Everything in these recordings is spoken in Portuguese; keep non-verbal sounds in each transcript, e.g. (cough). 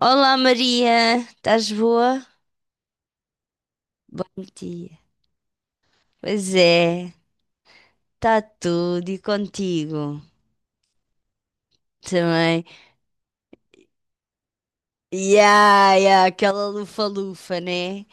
Olá, Maria, estás boa? Bom dia. Pois é, está tudo, e contigo também. Ya, ya, aquela lufa-lufa, né?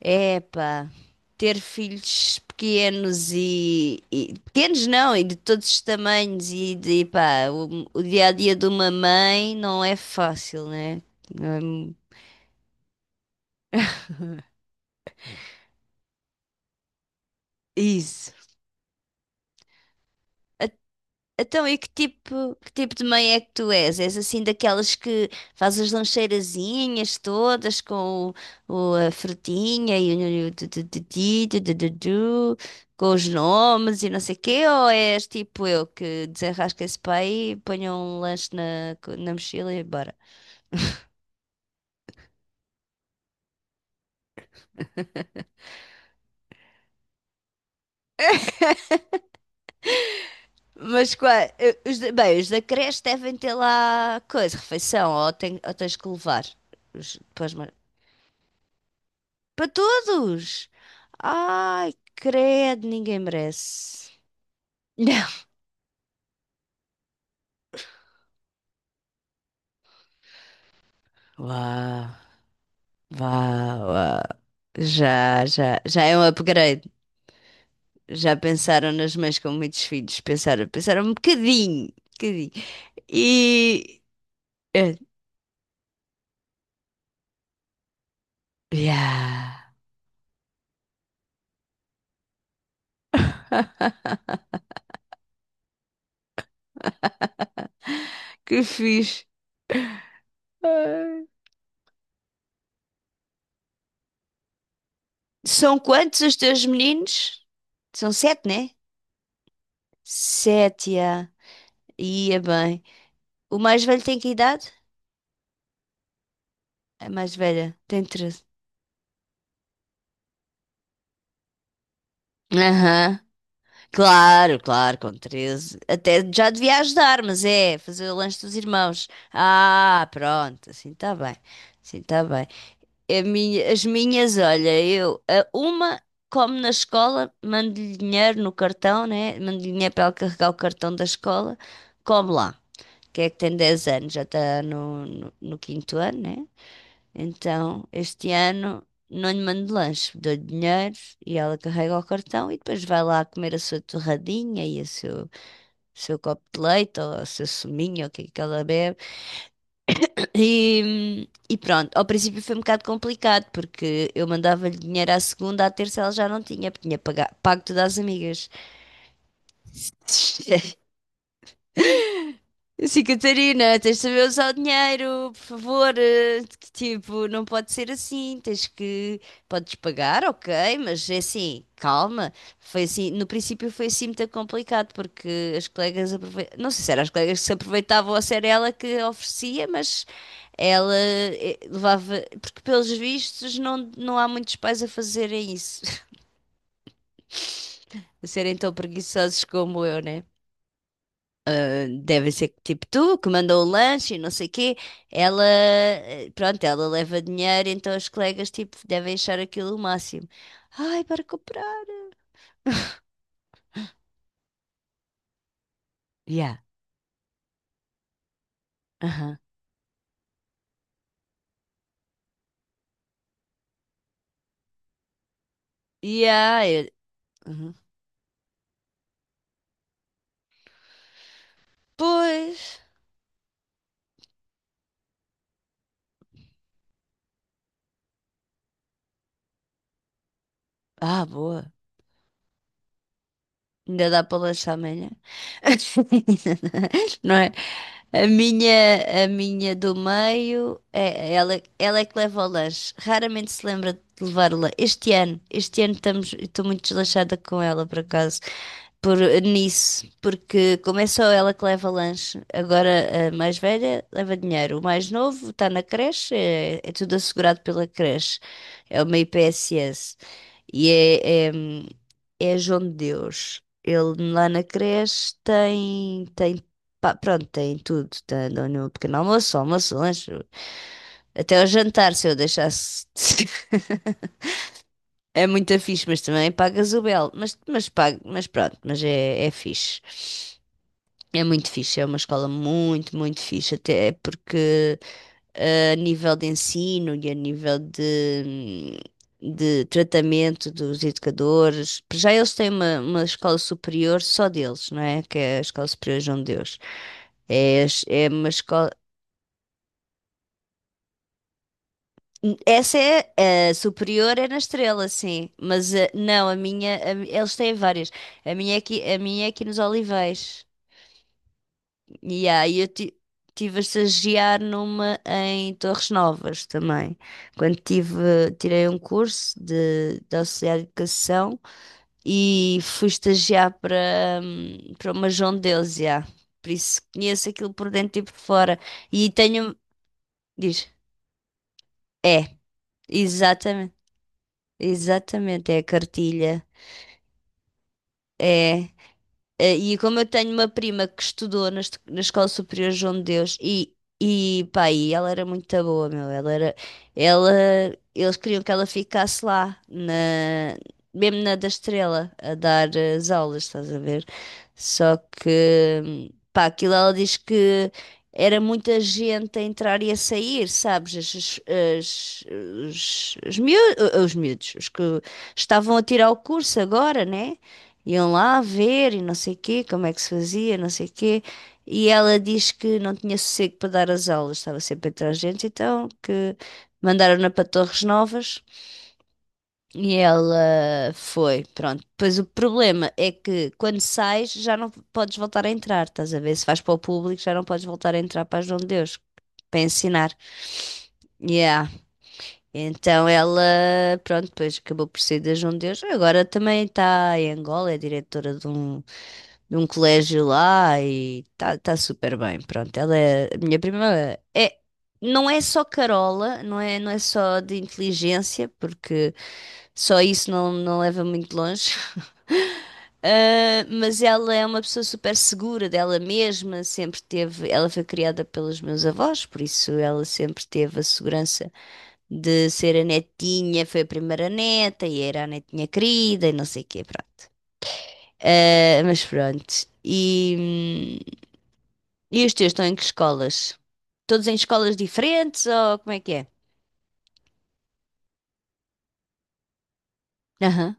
Epá, ter filhos pequenos, pequenos não, e de todos os tamanhos e de, pá, o dia-a-dia de uma mãe não é fácil, né? Não é mu- Isso. Então, e que tipo de mãe é que tu és? És assim daquelas que faz as lancheirazinhas todas com a frutinha e o tu- tu- tu- ti, com os nomes e não sei o quê? Ou és tipo eu, que desenrasca esse pai e ponho um lanche na mochila e bora? Mas bem, os da creche devem ter lá coisa, refeição, ou ou tens que levar os, para todos! Ai, credo, ninguém merece. (laughs) Vá, vá, vá. Já, já, já é um upgrade. Já pensaram nas mães com muitos filhos. Pensaram, pensaram um bocadinho, um bocadinho. E. eh, Ya, que fixe. Ai. São quantos os teus meninos? São sete, né? Sete, ya. Ia bem. O mais velho tem que idade? A mais velha tem 13. Aham. Claro, claro, com 13 até já devia ajudar, mas é fazer o lanche dos irmãos. Ah, pronto, assim está bem. Assim está bem. As minhas, olha, eu, a uma como na escola, mando-lhe dinheiro no cartão, né? Mando-lhe dinheiro para ela carregar o cartão da escola, come lá. Que é que tem 10 anos, já está no quinto ano, né? Então, este ano não lhe mando lanche, dou-lhe dinheiro e ela carrega o cartão e depois vai lá comer a sua torradinha e o seu, seu copo de leite ou o seu suminho, ou o que é que ela bebe. E pronto, ao princípio foi um bocado complicado, porque eu mandava-lhe dinheiro à segunda, à terça ela já não tinha, porque tinha pago tudo às amigas. (laughs) Sim, Catarina, tens de saber usar o dinheiro, por favor. Que tipo, não pode ser assim. Tens que. Podes pagar, ok, mas é assim, calma. Foi assim, no princípio foi assim muito complicado, porque as colegas não sei se eram as colegas que se aproveitavam ou se era ela que oferecia, mas ela levava. Porque, pelos vistos, não, não há muitos pais a fazerem isso. (laughs) A serem tão preguiçosos como eu, né? Deve ser tipo: tu que mandou o lanche e não sei o quê. Ela, pronto, ela leva dinheiro, então os colegas tipo devem achar aquilo o máximo. Ai, para comprar. Yeah, aham. Yeah, uhum. Pois. Ah, boa. Ainda dá para lanchar amanhã. (laughs) Não é? A minha do meio, é, ela é que leva o lanche. Raramente se lembra de levar o lanche. Este ano estamos, estou muito desleixada com ela, por acaso, por, nisso, porque como é só ela que leva lanche, agora a mais velha leva dinheiro, o mais novo está na creche, é, é tudo assegurado pela creche, é uma IPSS. E é, é, é João de Deus. Ele lá na creche tem, tem, pá, pronto, tem tudo. Tá, dão no pequeno almoço, almoço, lanche, até o jantar, se eu deixasse. (laughs) É muito fixe, mas também pagas o belo. Mas, paga, mas pronto, mas é, é fixe. É muito fixe, é uma escola muito, muito fixe, até porque a nível de ensino e a nível de tratamento dos educadores. Para já eles têm uma escola superior só deles, não é? Que é a Escola Superior João de Deus. É, é uma escola. Essa é a superior, é na Estrela, sim. Mas não, a minha, eles têm várias. A minha é aqui, a minha é aqui nos Olivais. E aí tive a estagiar numa em Torres Novas também. Quando tive, tirei um curso de auxiliar de educação e fui estagiar para, para uma João de Deus, já. Por isso conheço aquilo por dentro e por fora. E tenho, diz, é, exatamente, exatamente, é a cartilha. É. E como eu tenho uma prima que estudou na Escola Superior João de Deus, e pá, e ela era muito boa, meu. Ela era, ela, eles queriam que ela ficasse lá, mesmo na da Estrela, a dar as aulas, estás a ver? Só que, pá, aquilo ela diz que era muita gente a entrar e a sair, sabes? Os, os miú- os miúdos, os que estavam a tirar o curso agora, né? Iam lá ver e não sei quê, como é que se fazia, não sei quê. E ela diz que não tinha sossego para dar as aulas, estava sempre atrás de gente, então que mandaram-na para Torres Novas e ela foi, pronto. Pois o problema é que quando sais já não podes voltar a entrar, estás a ver? Se vais para o público já não podes voltar a entrar para as Dom de Deus, para ensinar. Yeah. Então ela, pronto, depois acabou por sair da João de Deus. Agora também está em Angola, é diretora de um, colégio lá, e tá super bem. Pronto, ela é a minha prima. É, não é só Carola, não é só de inteligência, porque só isso não, não leva muito longe. (laughs) Ah, mas ela é uma pessoa super segura dela mesma, sempre teve, ela foi criada pelos meus avós, por isso ela sempre teve a segurança de ser a netinha, foi a primeira neta e era a netinha querida e não sei o quê, pronto. Mas pronto. E os teus estão em que escolas? Todos em escolas diferentes ou como é que é? Aham.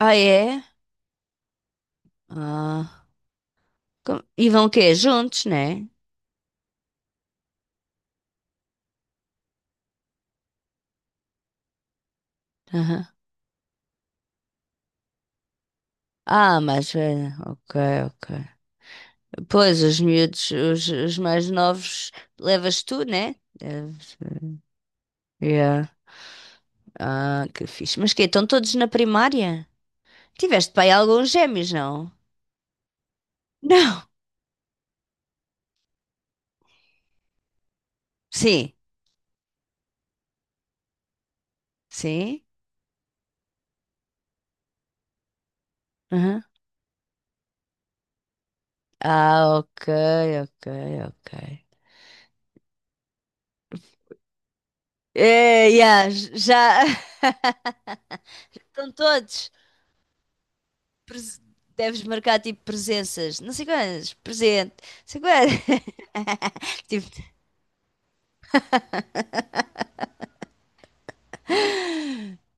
Ah, é? Ah, como? E vão o quê? Juntos, né? Aham. Ah, mas ok, ok. Pois, os miúdos, os mais novos, levas tu, né? Yeah. Ah, que fixe. Mas quê? Estão todos na primária? Tiveste pai alguns gêmeos, não? Não. Sim, sim. Ah, ok, ok, ok. É, yeah, já (laughs) estão todos. Pres- Deves marcar tipo presenças, não sei quantas, presente, não sei quantas. (laughs) Tipo,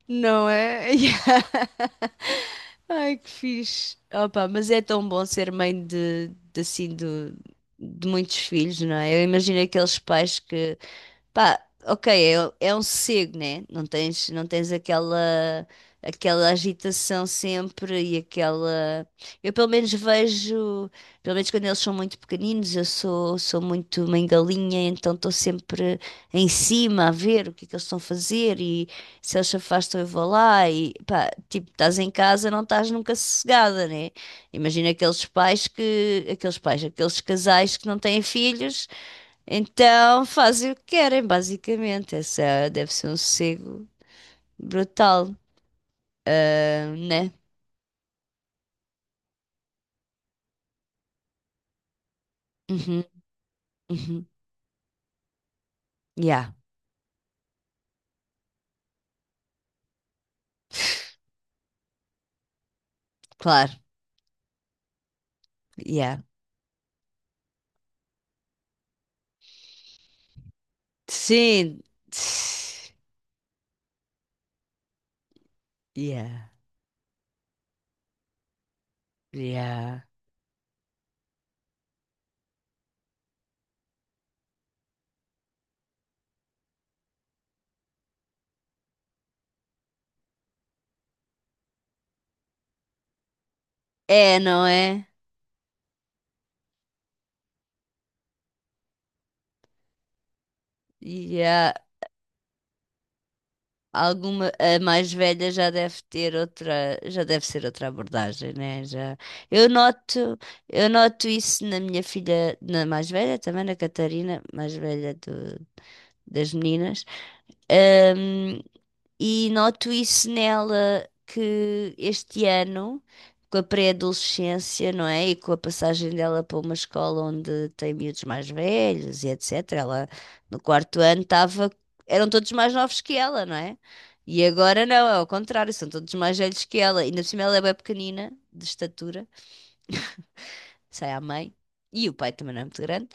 não é? (laughs) Yeah. Ai, que fixe. Opa, mas é tão bom ser mãe de, de muitos filhos, não é? Eu imagino aqueles pais que pá, ok, é, um sossego, né? Não tens, não tens aquela agitação sempre e aquela. Eu pelo menos vejo, pelo menos quando eles são muito pequeninos, eu sou muito mangalinha, então estou sempre em cima a ver o que é que eles estão a fazer e se eles se afastam eu vou lá e pá, tipo, estás em casa, não estás nunca sossegada, né? Imagina aqueles pais que, aqueles pais, aqueles casais que não têm filhos. Então fazem o que querem, basicamente. Essa deve ser um sossego brutal, né? Uhum, uhum. Yeah, claro. Yeah. Sim. Tss. Yeah. Yeah. É, não é? Yeah. Alguma, a mais velha já deve ter outra, já deve ser outra abordagem, né? Já. Eu noto, eu noto isso na minha filha, na mais velha também, na Catarina, mais velha do, das meninas. Ahm, e noto isso nela que este ano, com a pré-adolescência, não é? E com a passagem dela para uma escola onde tem miúdos mais velhos e etc. Ela no quarto ano estava, eram todos mais novos que ela, não é? E agora não, é ao contrário, são todos mais velhos que ela. Ainda por cima ela é bem pequenina, de estatura, sai à mãe. E o pai também não é muito grande.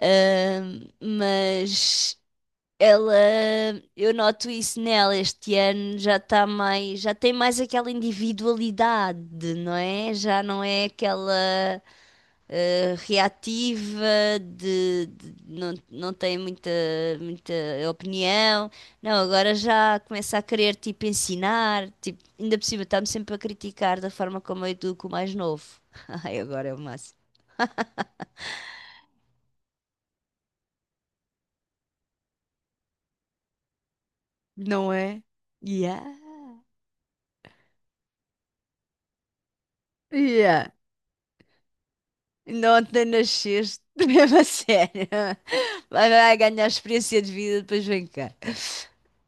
Mas ela, eu noto isso nela este ano, já está mais, já tem mais aquela individualidade, não é? Já não é aquela reativa não, não tem muita opinião. Não, agora já começa a querer tipo ensinar, tipo, ainda por cima está-me sempre a criticar da forma como eu educo o mais novo. (laughs) Ai, agora é o máximo. Não é? Yeah. Yeah. Ainda ontem nasceste, (laughs) mesmo a sério. Vai, vai ganhar experiência de vida, depois vem cá.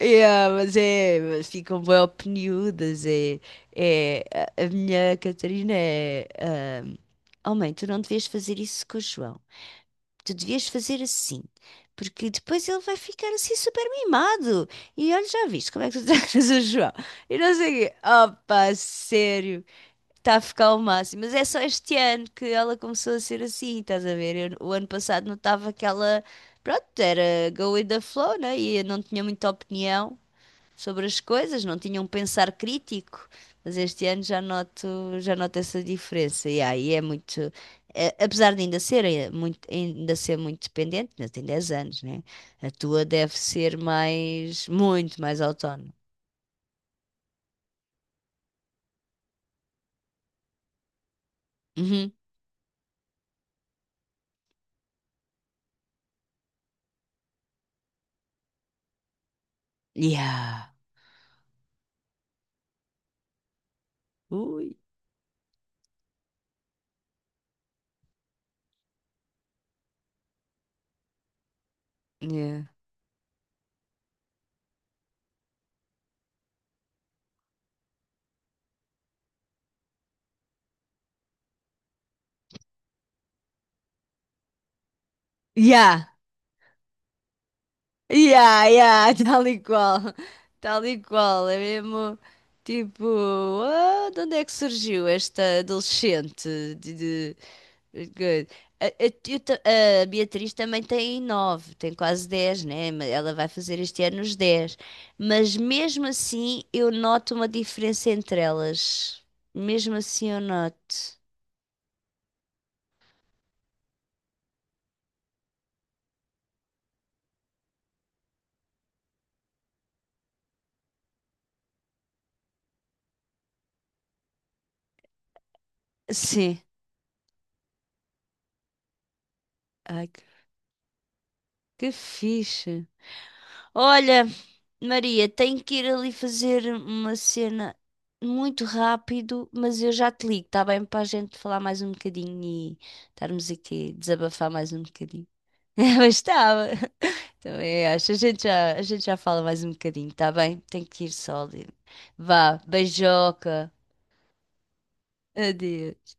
Yeah, mas é, mas ficam bem opiniudas. É, é, a minha Catarina é. Ah, oh, mãe, tu não devias fazer isso com o João. Tu devias fazer assim, porque depois ele vai ficar assim super mimado. E olha, já viste como é que tu (laughs) tratas o João. E não sei o quê. Opa, sério. Está a ficar ao máximo. Mas é só este ano que ela começou a ser assim, estás a ver? O ano passado notava que ela, pronto, era go with the flow, né? E eu não tinha muita opinião sobre as coisas, não tinha um pensar crítico. Mas este ano já noto essa diferença. E aí é muito. Apesar de ainda ser, é muito, ainda ser muito dependente, ainda tem 10 anos, né? A tua deve ser mais, muito mais autónoma. Uhum. Yeah. Ui. Yeah. Yeah. Yeah, yeah, (laughs) tal e qual. Tal e qual. É mesmo tipo, ah, de onde é que surgiu esta adolescente? De, de- Good. A, a- eu ta- a Beatriz também tem 9, tem quase 10, né? Ela vai fazer este ano os 10. Mas mesmo assim eu noto uma diferença entre elas. Mesmo assim eu noto. Sim. Ai, que fixe. Olha, Maria, tenho que ir ali fazer uma cena muito rápido, mas eu já te ligo, está bem? Para a gente falar mais um bocadinho e estarmos aqui a desabafar mais um bocadinho. (laughs) Mas estava. Também acho. A gente já fala mais um bocadinho, está bem? Tenho que ir só ali. Vá, beijoca. Adeus.